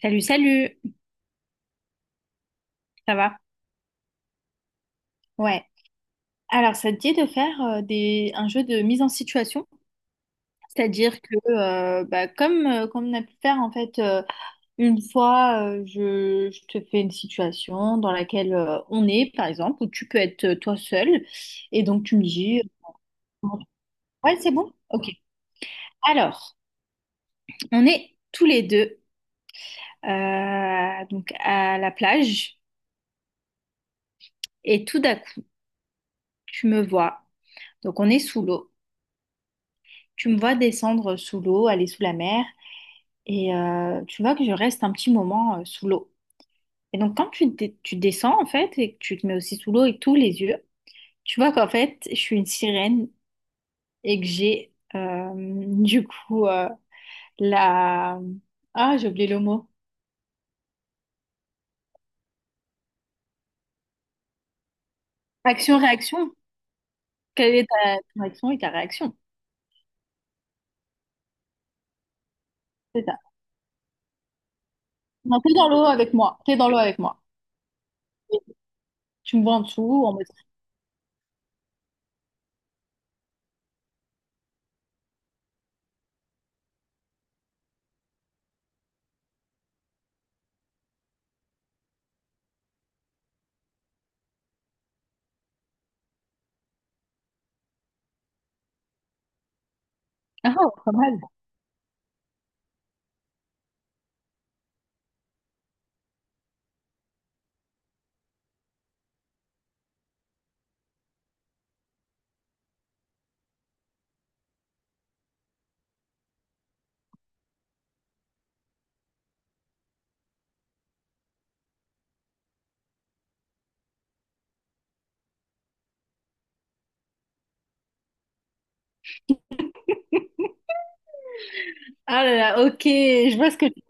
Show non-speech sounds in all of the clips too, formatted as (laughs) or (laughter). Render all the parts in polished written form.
Salut, salut, ça va? Ouais. Alors, ça te dit de faire un jeu de mise en situation? C'est-à-dire que, comme, comme on a pu faire, en fait, une fois, je te fais une situation dans laquelle on est, par exemple, où tu peux être toi seul, et donc tu me dis, ouais, c'est bon? Ok. Alors, on est tous les deux, donc à la plage, et tout d'un coup, tu me vois, donc on est sous l'eau. Tu me vois descendre sous l'eau, aller sous la mer. Et tu vois que je reste un petit moment sous l'eau. Et donc, quand tu, tu descends, en fait, et que tu te mets aussi sous l'eau et tous les yeux, tu vois qu'en fait, je suis une sirène et que j'ai, du coup, la... Ah, j'ai oublié le mot. Action-réaction. Quelle est ta ton action et ta réaction? C'est ça. Non, t'es dans l'eau avec moi. T'es dans l'eau avec moi. Tu me vois en dessous, on me... (laughs) Ah, pas mal. Ah là là, ok, je vois ce que... tu...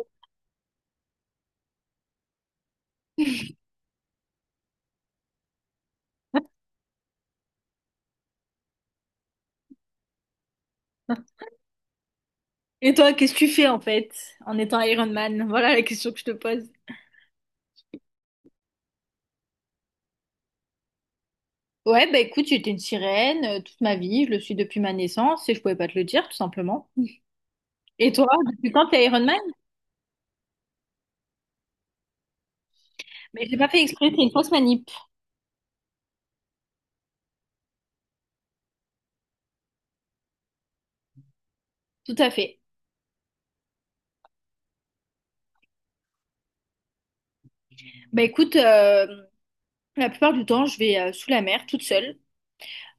Et toi, qu'est-ce que tu fais, en fait, en étant Iron Man? Voilà la question que je te pose. Ouais, bah écoute, j'étais une sirène toute ma vie, je le suis depuis ma naissance et je pouvais pas te le dire, tout simplement. Et toi, depuis quand t'es Iron Man? Mais j'ai pas fait exprès, c'est une fausse manip. Tout à fait. Bah écoute, la plupart du temps, je vais sous la mer toute seule.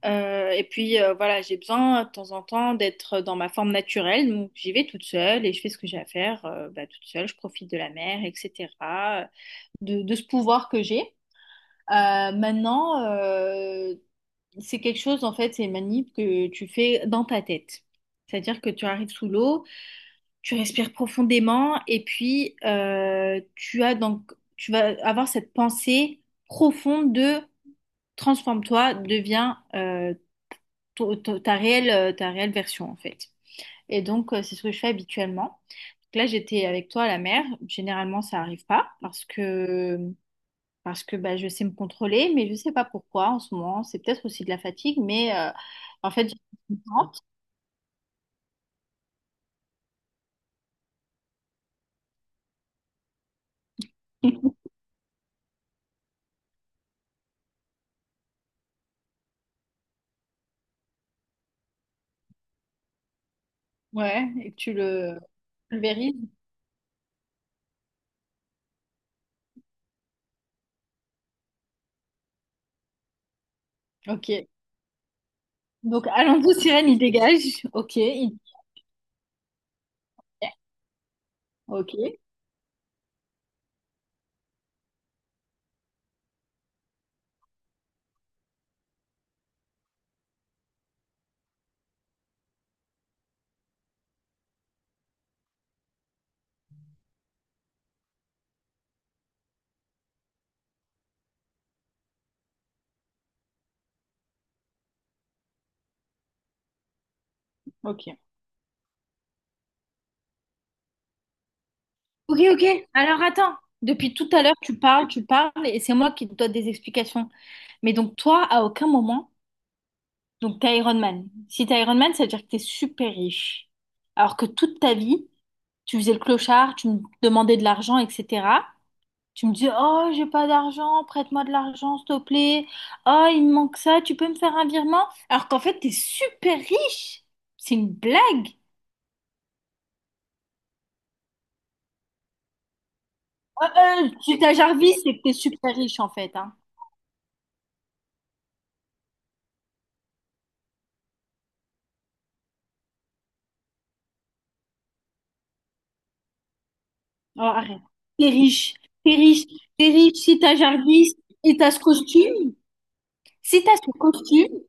Et puis voilà, j'ai besoin de temps en temps d'être dans ma forme naturelle, donc j'y vais toute seule et je fais ce que j'ai à faire toute seule, je profite de la mer, etc., de ce pouvoir que j'ai. Euh, maintenant, euh, C'est quelque chose, en fait, c'est une manip que tu fais dans ta tête. C'est-à-dire que tu arrives sous l'eau, tu respires profondément et puis tu as donc, tu vas avoir cette pensée profonde de transforme-toi, deviens ta réelle version, en fait. Et donc, c'est ce que je fais habituellement. Donc là, j'étais avec toi à la mer. Généralement, ça n'arrive pas parce que bah, je sais me contrôler, mais je sais pas pourquoi en ce moment. C'est peut-être aussi de la fatigue, mais en fait, j'ai (laughs) Ouais, et que tu le pulvérises. Ok. Donc, allons-vous, sirène, il dégage. Ok, il ok, ok. Ok, ok. Alors, attends. Depuis tout à l'heure, tu parles, et c'est moi qui te donne des explications. Mais donc, toi, à aucun moment, donc, t'es Iron Man. Si t'es Iron Man, ça veut dire que t'es super riche. Alors que toute ta vie, tu faisais le clochard, tu me demandais de l'argent, etc. Tu me dis, oh, j'ai pas d'argent, prête-moi de l'argent, s'il te plaît. Oh, il me manque ça, tu peux me faire un virement? Alors qu'en fait, t'es super riche. C'est une blague. Ouais, tu t'as Jarvis, c'est que t'es super riche, en fait, hein. Oh, arrête. T'es riche, t'es riche, T'es riche si t'as Jarvis et t'as ce costume. Si t'as ce costume.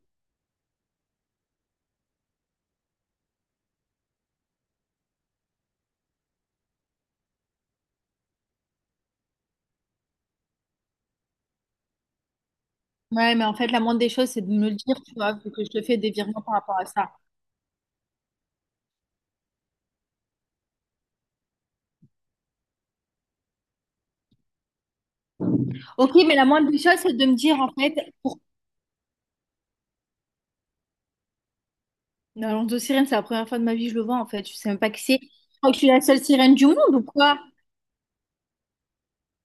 Ouais, mais en fait, la moindre des choses, c'est de me le dire, tu vois, vu que je te fais des virements par rapport à ça. Ok, mais la moindre des choses, c'est de me dire, en fait, pour dans de sirène, c'est la première fois de ma vie que je le vois en fait. Je sais même pas qui c'est. Je crois que je suis la seule sirène du monde ou quoi?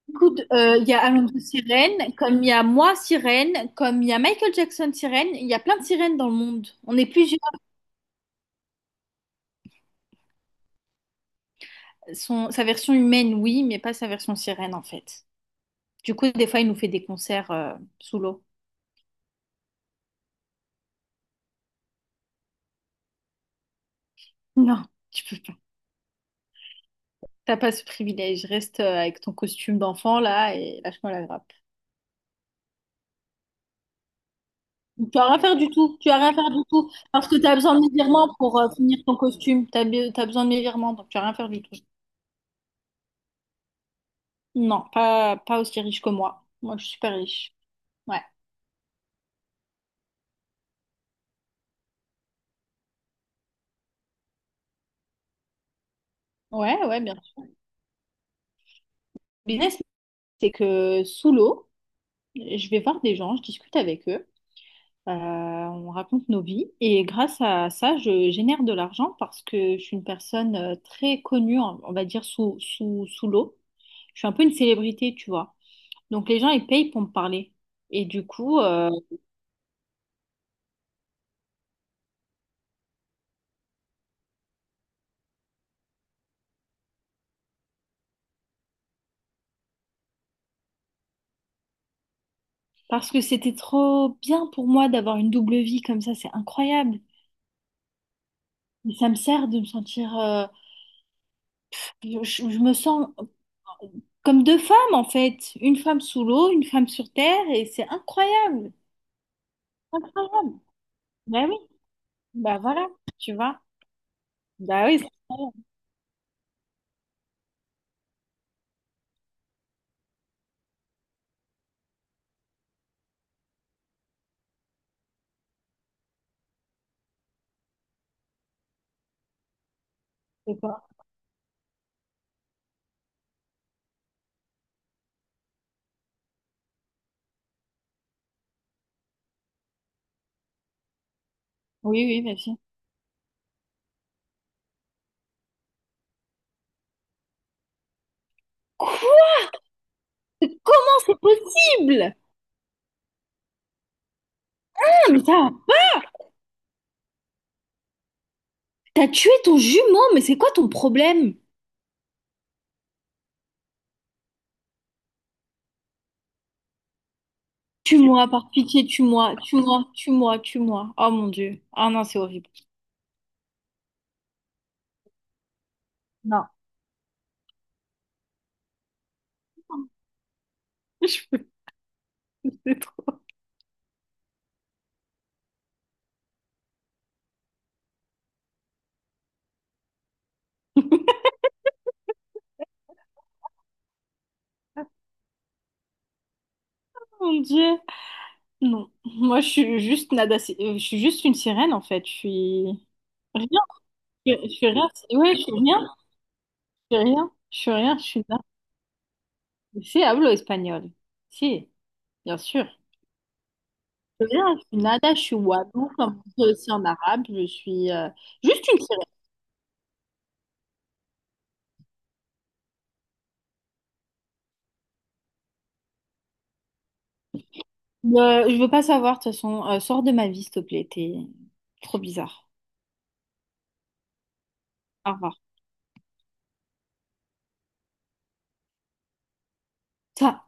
Écoute, il y a Alonso Sirène, comme il y a moi Sirène, comme il y a Michael Jackson Sirène, il y a plein de sirènes dans le monde. On est plusieurs. Son, sa version humaine, oui, mais pas sa version sirène en fait. Du coup, des fois, il nous fait des concerts sous l'eau. Non, tu peux pas. T'as pas ce privilège. Reste avec ton costume d'enfant là et lâche-moi la grappe. Tu as rien à faire du tout, tu as rien à faire du tout, parce que tu as besoin de mes virements pour finir ton costume, tu as, besoin de mes virements, donc tu as rien à faire du tout. Non, pas aussi riche que moi. Moi, je suis super riche. Ouais, ouais, ouais, bien sûr. Business, c'est que sous l'eau, je vais voir des gens, je discute avec eux, on raconte nos vies, et grâce à ça, je génère de l'argent parce que je suis une personne très connue, on va dire, sous l'eau. Je suis un peu une célébrité, tu vois. Donc les gens, ils payent pour me parler. Et du coup, parce que c'était trop bien pour moi d'avoir une double vie comme ça, c'est incroyable. Et ça me sert de me sentir... je me sens comme deux femmes en fait. Une femme sous l'eau, une femme sur terre, et c'est incroyable. Incroyable. Bah oui, bah voilà, tu vois. Bah oui, c'est incroyable. C'est quoi? Oui, oui, bien sûr. Quoi? Comment c'est possible? Ah, mais ça, t'as tué ton jumeau, mais c'est quoi ton problème? Tue-moi, par pitié, tue-moi, tue-moi, tue-moi, tue-moi. Oh mon Dieu. Ah non, c'est horrible. Non. (laughs) (laughs) C'est trop. Mon Dieu. Non. Moi, je suis juste nada. Je suis juste une sirène, en fait. Je suis rien. Je suis rien. Ouais, je suis rien. Je suis rien. Je suis rien. Je suis nada. C'est hablo espagnol. Si, bien sûr. Je suis rien. Je suis nada. Je suis wadou, comme on dit aussi en arabe. Je suis juste une sirène. Je veux pas savoir, de toute façon. Sors de ma vie, s'il te plaît. T'es trop bizarre. Au revoir. Ça.